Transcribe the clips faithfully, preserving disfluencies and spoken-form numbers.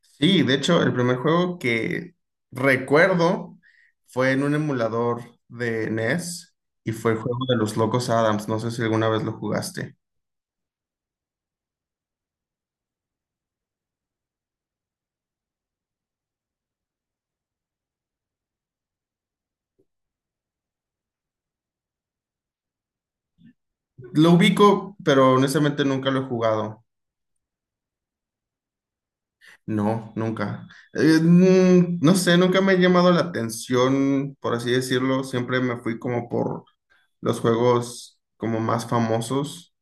Sí, de hecho, el primer juego que recuerdo fue en un emulador de NES y fue el juego de los Locos Adams. No sé si alguna vez lo jugaste. Lo ubico, pero honestamente nunca lo he jugado. No, nunca. Eh, mm, no sé, nunca me ha llamado la atención, por así decirlo. Siempre me fui como por los juegos como más famosos.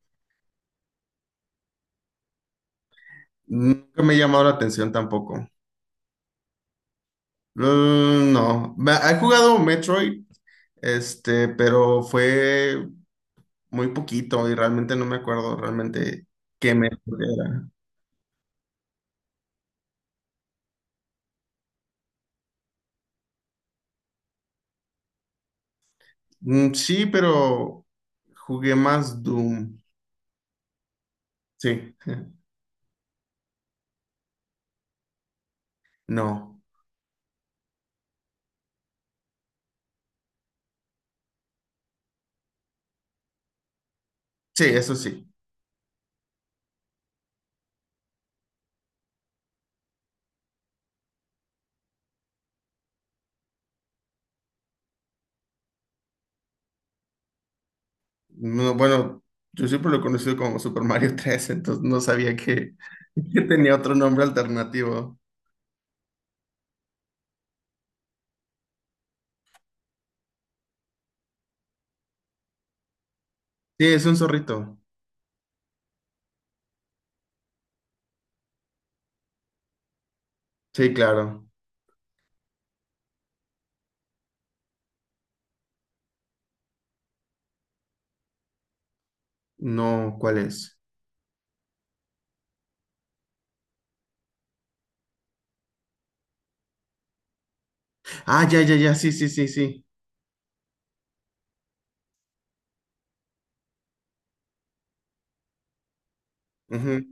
Nunca me ha llamado la atención tampoco. Mm, no, Me- he jugado Metroid. Este, pero fue muy poquito y realmente no me acuerdo realmente qué me era. Mm, sí, pero jugué más Doom. Sí, no. Sí, eso sí. No, bueno, yo siempre lo he conocido como Super Mario tres, entonces no sabía que, que tenía otro nombre alternativo. Sí, es un zorrito. Sí, claro. No, ¿cuál es? Ah, ya, ya, ya, sí, sí, sí, sí. Ujú.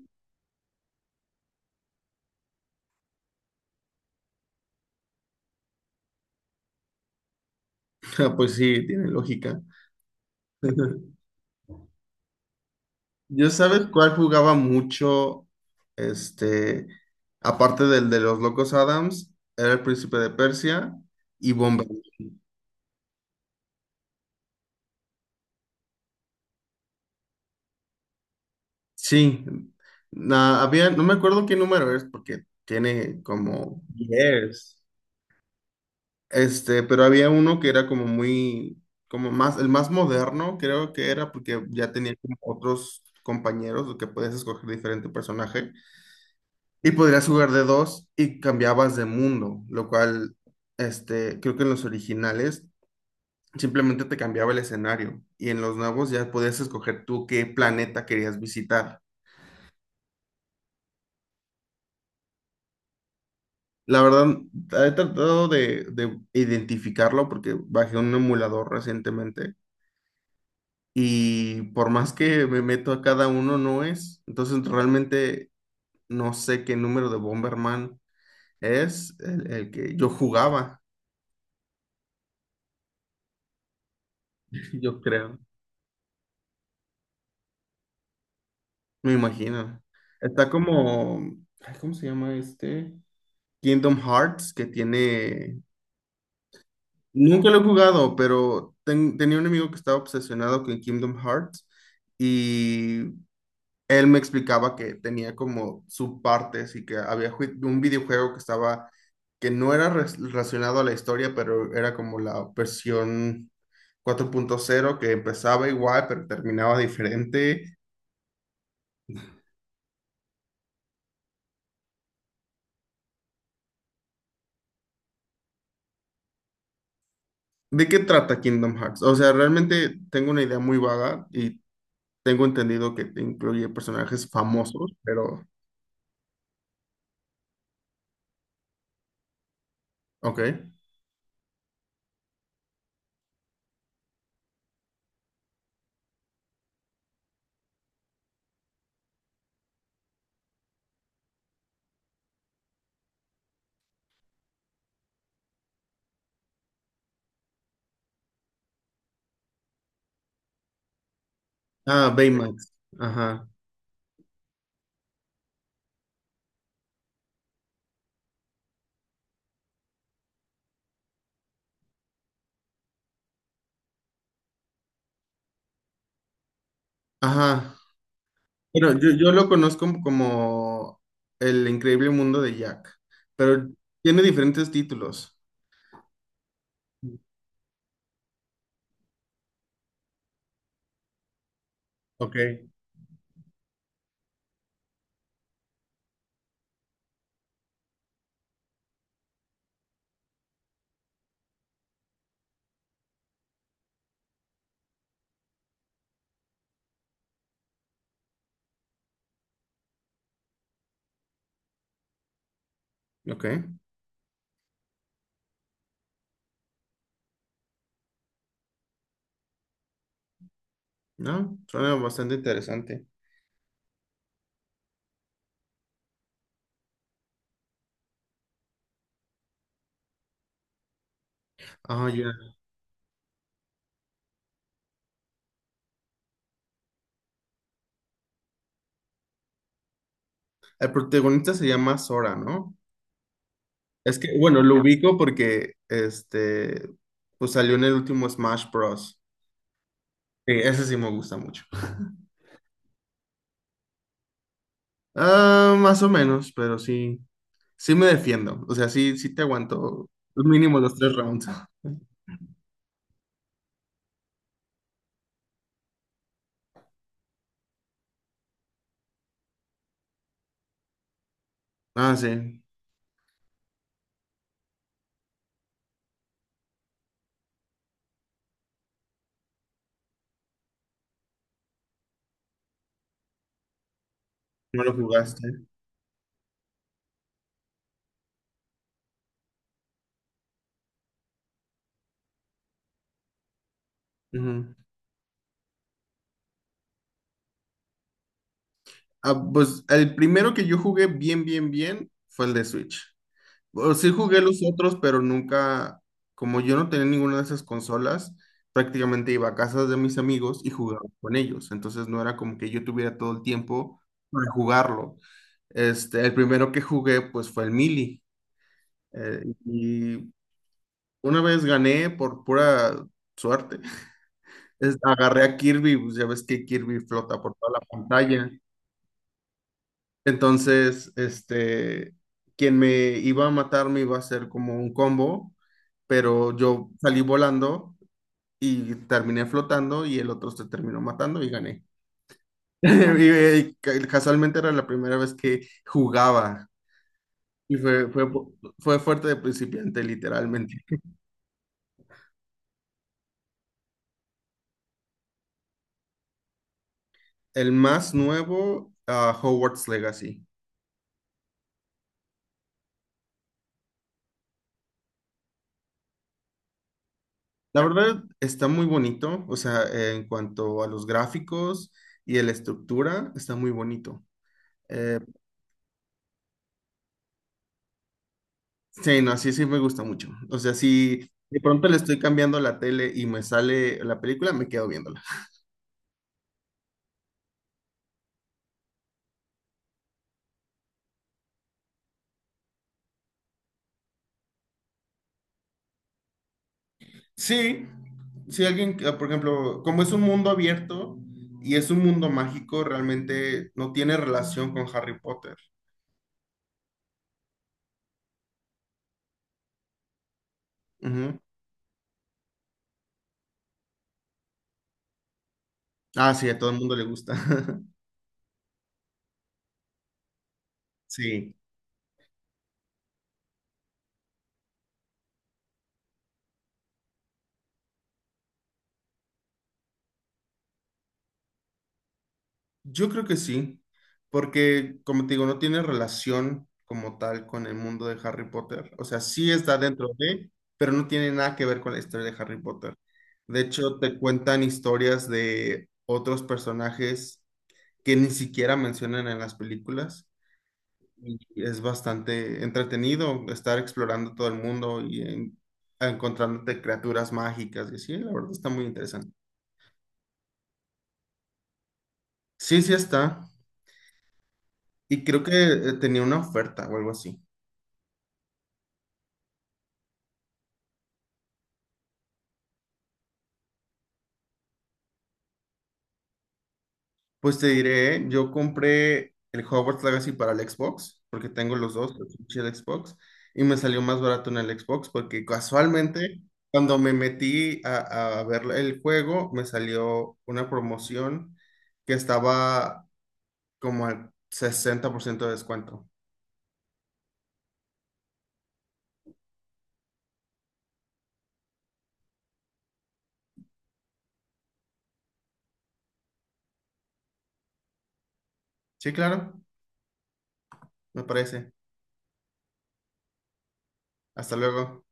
Ah, pues sí, tiene lógica. Yo sabes cuál jugaba mucho, este, aparte del de los Locos Adams, era el Príncipe de Persia y Bomber. Sí, na- había, no me acuerdo qué número es porque tiene como diez. Este, pero había uno que era como muy, como más, el más moderno, creo que era porque ya tenía como otros compañeros que podías escoger diferente personaje. Y podrías jugar de dos y cambiabas de mundo, lo cual, este, creo que en los originales simplemente te cambiaba el escenario y en los nuevos ya podías escoger tú qué planeta querías visitar. La verdad, he tratado de, de identificarlo porque bajé un emulador recientemente y por más que me meto a cada uno no es. Entonces realmente no sé qué número de Bomberman es el el que yo jugaba, yo creo. Me imagino. Está como, ay, ¿cómo se llama este? Kingdom Hearts, que tiene. Nunca lo he jugado, pero ten- tenía un amigo que estaba obsesionado con Kingdom Hearts y él me explicaba que tenía como subpartes y que había jue- un videojuego que estaba, que no era res- relacionado a la historia, pero era como la versión cuatro punto cero, que empezaba igual pero terminaba diferente. ¿De qué trata Kingdom Hearts? O sea, realmente tengo una idea muy vaga y tengo entendido que te incluye personajes famosos, pero. Ok. Ah, Baymax. Ajá. Ajá. Pero yo, yo lo conozco como El Increíble Mundo de Jack, pero tiene diferentes títulos. Ok. Ok. No, suena bastante interesante. Ah, ya. El protagonista se llama Sora, ¿no? Es que, bueno, lo ubico porque, este, pues salió en el último Smash Bros. Sí, ese sí me gusta mucho. Ah, más o menos, pero sí, sí me defiendo. O sea, sí, sí te aguanto mínimo los tres rounds. Ah, sí, no lo jugaste. Ujú. Ah, pues el primero que yo jugué bien, bien, bien fue el de Switch. O sí jugué los otros, pero nunca, como yo no tenía ninguna de esas consolas, prácticamente iba a casas de mis amigos y jugaba con ellos. Entonces no era como que yo tuviera todo el tiempo para jugarlo. Este, el primero que jugué, pues fue el Melee. Eh, y una vez gané por pura suerte. Es- agarré a Kirby, pues ya ves que Kirby flota por toda la pantalla. Entonces, este, quien me iba a matar me iba a hacer como un combo, pero yo salí volando y terminé flotando y el otro se terminó matando y gané. Y, eh, ca- casualmente era la primera vez que jugaba y fue, fue, fue fuerte de principiante, literalmente. El más nuevo, ah, Hogwarts Legacy. La verdad está muy bonito, o sea, en cuanto a los gráficos y a la estructura, está muy bonito. Eh, sí, no, sí, sí me gusta mucho. O sea, si de pronto le estoy cambiando la tele y me sale la película, me quedo viéndola. Sí, si alguien, que, por ejemplo, como es un mundo abierto y es un mundo mágico, realmente no tiene relación con Harry Potter. Ujú. Ah, sí, a todo el mundo le gusta. Sí. Yo creo que sí, porque como te digo, no tiene relación como tal con el mundo de Harry Potter. O sea, sí está dentro de, pero no tiene nada que ver con la historia de Harry Potter. De hecho, te cuentan historias de otros personajes que ni siquiera mencionan en las películas. Y es bastante entretenido estar explorando todo el mundo y en- encontrándote criaturas mágicas y así. La verdad está muy interesante. Sí, sí está. Y creo que eh, tenía una oferta o algo así. Pues te diré, ¿eh? Yo compré el Hogwarts Legacy para el Xbox, porque tengo los dos, el Switch y el Xbox, y me salió más barato en el Xbox, porque casualmente cuando me metí a, a ver el juego, me salió una promoción que estaba como al sesenta por ciento de descuento. Sí, claro, me parece. Hasta luego.